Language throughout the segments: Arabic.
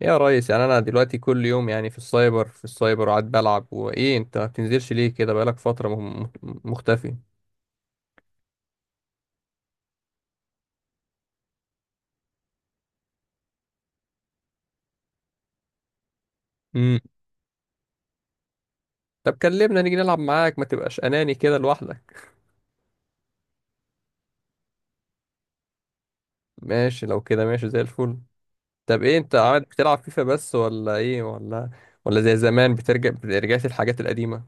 يا ريس، يعني انا دلوقتي كل يوم يعني في السايبر وقاعد بلعب، وايه انت ما بتنزلش ليه كده؟ بقالك فترة مختفي. امم. طب كلمنا نيجي نلعب معاك، ما تبقاش اناني كده لوحدك. ماشي، لو كده ماشي زي الفل. طب ايه، انت قاعد بتلعب فيفا بس ولا ايه، ولا زي زمان بترجع رجعت الحاجات القديمة؟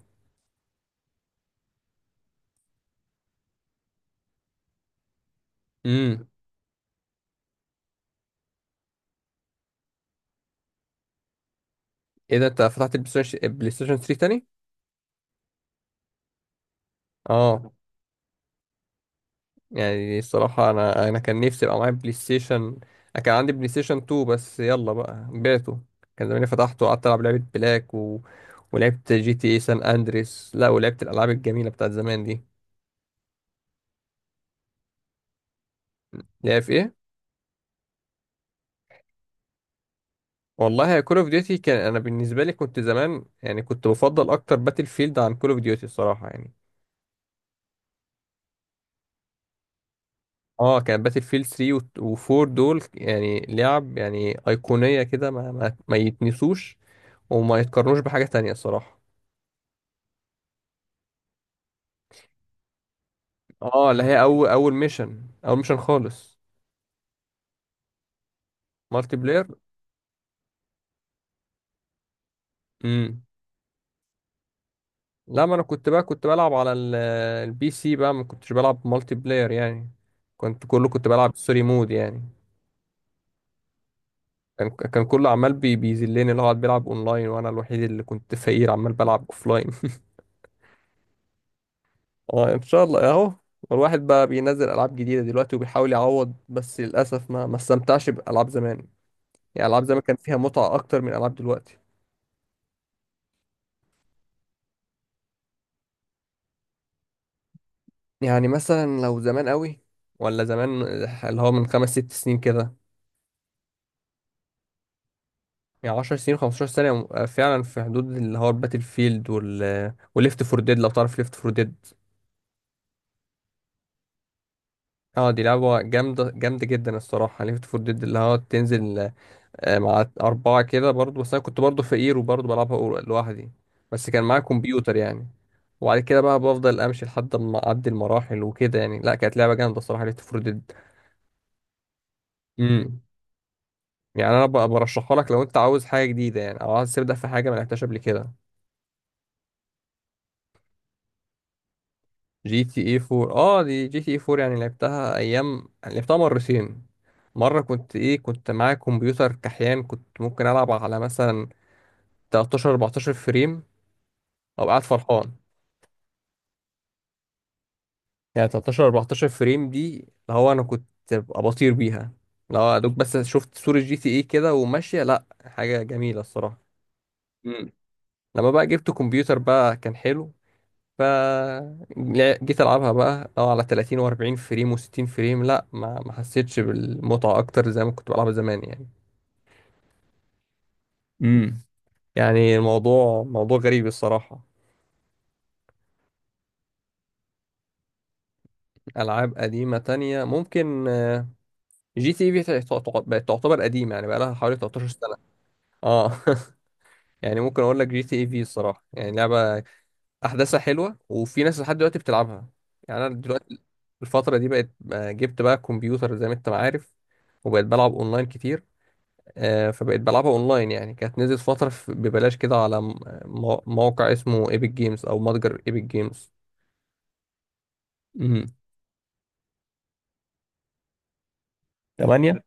امم. ايه ده؟ انت فتحت البلاي ستيشن 3 تاني؟ اه. يعني الصراحة أنا كان نفسي يبقى معايا بلاي ستيشن. أنا كان عندي بلاي ستيشن 2، بس يلا بقى بعته. كان زماني فتحته وقعدت ألعب لعبة بلاك ولعبت جي تي اي سان أندريس، لا، ولعبت الألعاب الجميلة بتاعت زمان دي. اللي هي في إيه؟ والله كول أوف ديوتي كان، أنا بالنسبة لي كنت زمان يعني كنت بفضل أكتر باتل فيلد عن كول أوف ديوتي الصراحة يعني. اه، كان باتل فيلد 3 و4 دول يعني لعب يعني أيقونية كده، ما يتنسوش، وما يتقارنوش بحاجة تانية الصراحة. اه، اللي هي اول ميشن خالص. مالتي بلاير. امم. لا، ما انا كنت بقى بلعب على البي سي بقى، ما كنتش بلعب مالتي بلاير يعني، كنت كله كنت بلعب ستوري مود يعني. كان كله عمال بيذلني، اللي هو قاعد بيلعب اونلاين، وانا الوحيد اللي كنت فقير عمال بلعب اوفلاين. اه، ان شاء الله اهو. الواحد بقى بينزل العاب جديده دلوقتي وبيحاول يعوض، بس للاسف ما استمتعش بالعاب زمان. يعني العاب زمان كان فيها متعه اكتر من العاب دلوقتي. يعني مثلا لو زمان قوي، ولا زمان اللي هو من خمس ست سنين كده. يعني 10 سنين 15 سنة، فعلا في حدود اللي هو الباتل فيلد وليفت فور ديد، لو تعرف ليفت فور ديد. اه، دي لعبة جامدة جامدة جدا الصراحة، ليفت فور ديد اللي هو تنزل مع أربعة كده برضو، بس أنا كنت برضو فقير وبرضو بلعبها لوحدي. بس كان معايا كمبيوتر يعني. وبعد كده بقى بفضل أمشي لحد ما أعدي المراحل وكده يعني. لا، كانت لعبة جامدة الصراحة ليفت فور ديد. يعني انا برشحها لك لو انت عاوز حاجه جديده يعني، او عاوز تبدا في حاجه ما لعبتهاش قبل كده. جي تي اي 4، اه، دي جي تي اي 4 يعني لعبتها ايام، لعبتها مرتين. مره كنت معايا كمبيوتر كحيان، كنت ممكن العب على مثلا 13 14 فريم، او قاعد فرحان. يعني 13 14 فريم دي اللي هو انا كنت ببقى بطير بيها. لو يا دوب بس شفت صوره جي تي اي كده وماشيه، لا، حاجه جميله الصراحه. مم. لما بقى جبت كمبيوتر بقى كان حلو. ف جيت العبها بقى اه على 30 و40 فريم و60 فريم، لا ما حسيتش بالمتعه اكتر زي ما كنت بلعبها زمان يعني. امم. يعني الموضوع موضوع غريب الصراحه. العاب قديمه تانية ممكن، جي تي اي في بقت تعتبر قديمه يعني، بقى لها حوالي 13 سنه. اه. يعني ممكن اقول لك جي تي اي في الصراحه، يعني لعبه احداثها حلوه وفي ناس لحد دلوقتي بتلعبها. يعني انا دلوقتي الفتره دي بقت، جبت بقى كمبيوتر زي ما انت ما عارف، وبقيت بلعب اونلاين كتير. فبقيت بلعبها اونلاين يعني، كانت نزلت فترة ببلاش كده على موقع اسمه ايبك جيمز او متجر ايبك جيمز. امم. تمانية.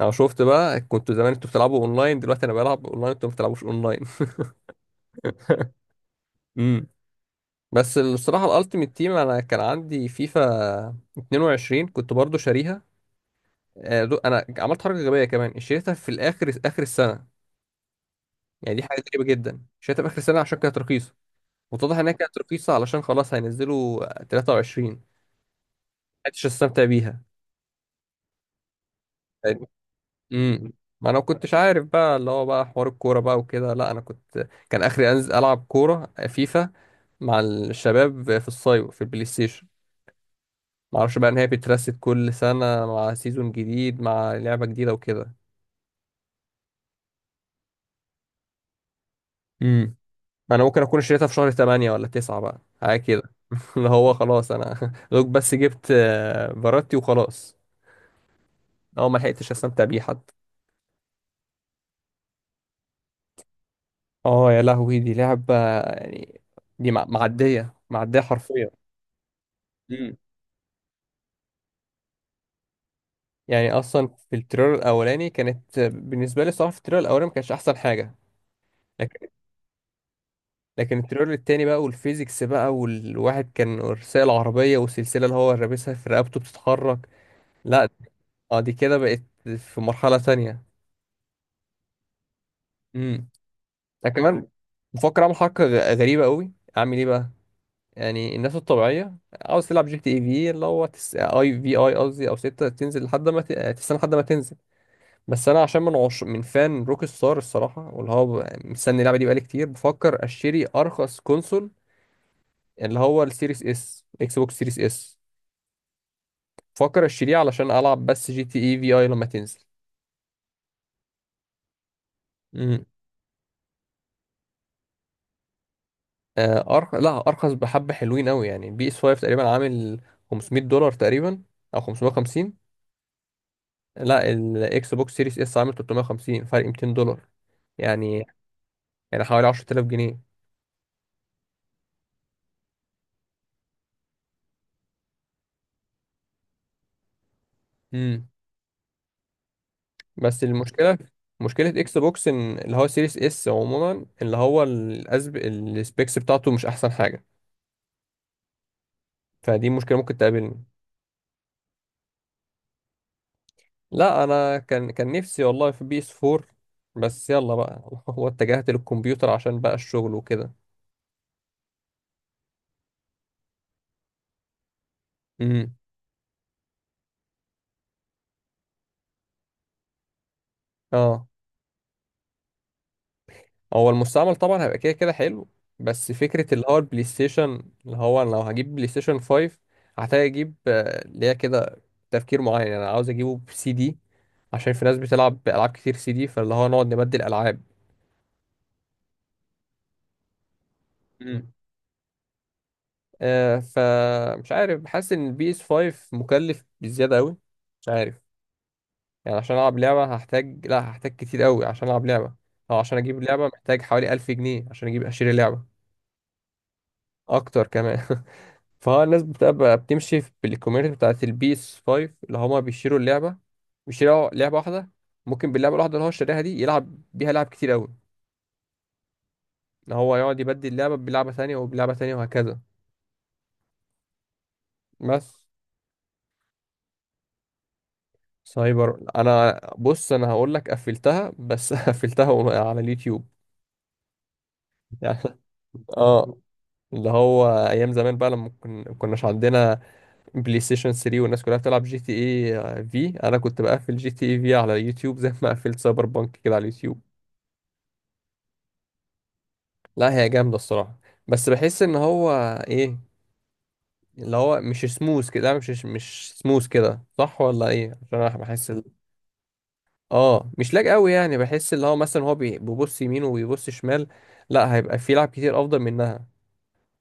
انا شفت بقى، كنتوا زمان انتوا بتلعبوا اونلاين، دلوقتي انا بلعب اونلاين انتوا ما بتلعبوش اونلاين. امم. بس الصراحة الالتيميت تيم، انا كان عندي فيفا 22 كنت برضو شاريها. انا عملت حركة غبية كمان، اشتريتها في الاخر اخر السنة. يعني دي حاجة غريبة جدا، اشتريتها في اخر السنة عشان كانت رخيصة. واتضح انها كانت رخيصة علشان خلاص هينزلوا 23. عرفتش استمتع بيها يعني. امم. ما انا ما كنتش عارف بقى اللي هو بقى حوار الكوره بقى وكده، لا انا كان اخري انزل العب كوره فيفا مع الشباب في الصيف في البلاي ستيشن. ما اعرفش بقى ان هي بترست كل سنه مع سيزون جديد مع لعبه جديده وكده. امم. ما انا ممكن اكون اشتريتها في شهر 8 ولا 9 بقى حاجه كده. اللي هو خلاص انا دوك بس جبت فاراتي وخلاص. اه، ما لحقتش استمتع بيه حتى. اه يا لهوي، دي لعبه يعني، دي معديه معديه حرفيا. مم. يعني اصلا في التريلر الاولاني كانت بالنسبه لي الصراحه في التريلر الاولاني ما كانش احسن حاجه. لكن لكن التريلر التاني بقى والفيزيكس بقى، والواحد كان سايق العربيه والسلسله اللي هو لابسها في رقبته بتتحرك. لا. اه، دي كده بقت في مرحله تانية. امم. ده كمان بفكر اعمل حركه غريبه قوي، اعمل ايه بقى. يعني الناس الطبيعيه، عاوز تلعب جي تي اي في اللي هو تس... آه، اي في اي قصدي، او ستة، تنزل لحد ما ت... آه، تستنى لحد ما تنزل. بس انا عشان من فان روك ستار الصراحه، واللي هو مستني اللعبه دي بقالي كتير، بفكر اشتري ارخص كونسول، اللي هو السيريس اس اكس بوكس سيريس اس. بفكر اشتريه علشان العب بس جي تي اي في اي لما تنزل. امم. لا، ارخص بحبه حلوين قوي يعني. بي اس 5 تقريبا عامل 500 دولار تقريبا، او 550. لا، الاكس بوكس سيريس اس عامل 350، فرق 200 دولار يعني. يعني حوالي 10,000 جنيه. امم. بس المشكله، مشكله اكس بوكس ان اللي هو سيريس اس عموما اللي هو السبيكس بتاعته مش احسن حاجه. فدي مشكله ممكن تقابلني. لا، انا كان نفسي والله في بي اس 4. بس يلا بقى، هو اتجهت للكمبيوتر عشان بقى الشغل وكده. امم. اه. هو المستعمل طبعا هيبقى كده كده حلو. بس فكرة اللي هو البلاي ستيشن اللي هو أنا، لو هجيب بلاي ستيشن 5، هحتاج اجيب، اللي هي كده، تفكير معين يعني. انا عاوز اجيبه بسي دي، عشان في ناس بتلعب بألعاب كتير سي دي، فاللي هو نقعد نبدل ألعاب. مم. فمش عارف، بحس ان البي اس 5 مكلف بزيادة قوي. مش عارف. يعني عشان العب لعبة هحتاج، لا، هحتاج كتير قوي عشان العب لعبة. او عشان اجيب لعبة محتاج حوالي 1000 جنيه عشان اجيب اشتري لعبة. اكتر كمان. فهو الناس بتبقى بتمشي بالكوميونتي بتاعت البيس 5، اللي هما بيشيروا اللعبة، بيشيروا لعبة واحدة. ممكن باللعبة الواحدة اللي هو شاريها دي يلعب بيها لعب كتير أوي، إن هو يقعد يبدل لعبة بلعبة تانية وبلعبة تانية وهكذا. بس. سايبر، أنا بص، أنا هقول لك، قفلتها بس قفلتها على اليوتيوب. يعني، اه، اللي هو أيام زمان بقى لما كناش عندنا بلاي ستيشن 3، والناس كلها بتلعب جي تي اي في، أنا كنت بقفل جي تي اي في على اليوتيوب زي ما قفلت سايبر بانك كده على اليوتيوب. لا، هي جامدة الصراحة. بس بحس ان هو، ايه، اللي هو مش سموث كده، لا، مش سموث كده، صح ولا ايه؟ عشان انا بحس اه، مش لاج قوي يعني، بحس اللي هو مثلا هو بيبص يمين وبيبص شمال. لا، هيبقى في لعب كتير افضل منها،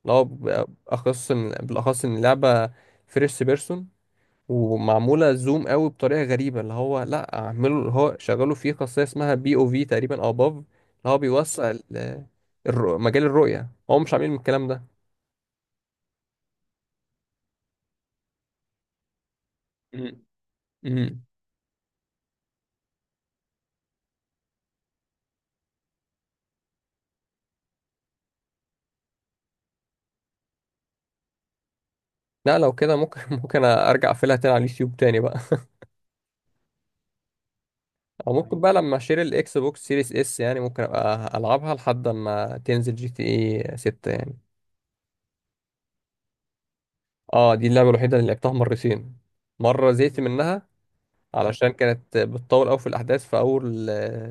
اللي هو بالاخص ان اللعبة فيرست بيرسون، ومعمولة زوم قوي بطريقة غريبة. اللي هو لا اعملوا اللي هو شغلوا فيه خاصية اسمها بي او في تقريبا او باف، اللي هو بيوسع مجال الرؤية. هو مش عاملين الكلام ده. امم. لا لو كده ممكن ممكن ارجع اقفلها تاني على اليوتيوب تاني بقى. او ممكن بقى لما اشتري الاكس بوكس سيريس اس يعني، ممكن ابقى العبها لحد ما تنزل جي تي اي 6 يعني. اه، دي اللعبه الوحيده اللي لعبتها مرتين. مره زهقت منها علشان كانت بتطول قوي في الاحداث، في اول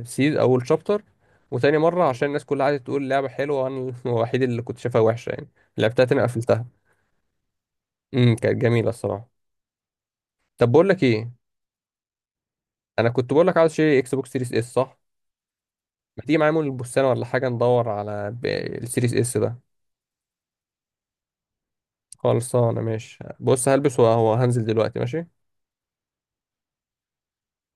سيز اول شابتر. وتاني مره عشان الناس كلها قعدت تقول لعبه حلوه، وانا الوحيد اللي كنت شايفها وحشه يعني. لعبتها تاني، قفلتها. امم، كانت جميله الصراحه. طب بقول لك ايه، انا كنت بقول لك عاوز اشتري اكس بوكس سيريس اس، صح؟ ما تيجي معايا مول البستان ولا حاجة ندور على السيريس اس ده. خلصانة، ماشي، بص هلبس وهو هنزل دلوقتي، ماشي.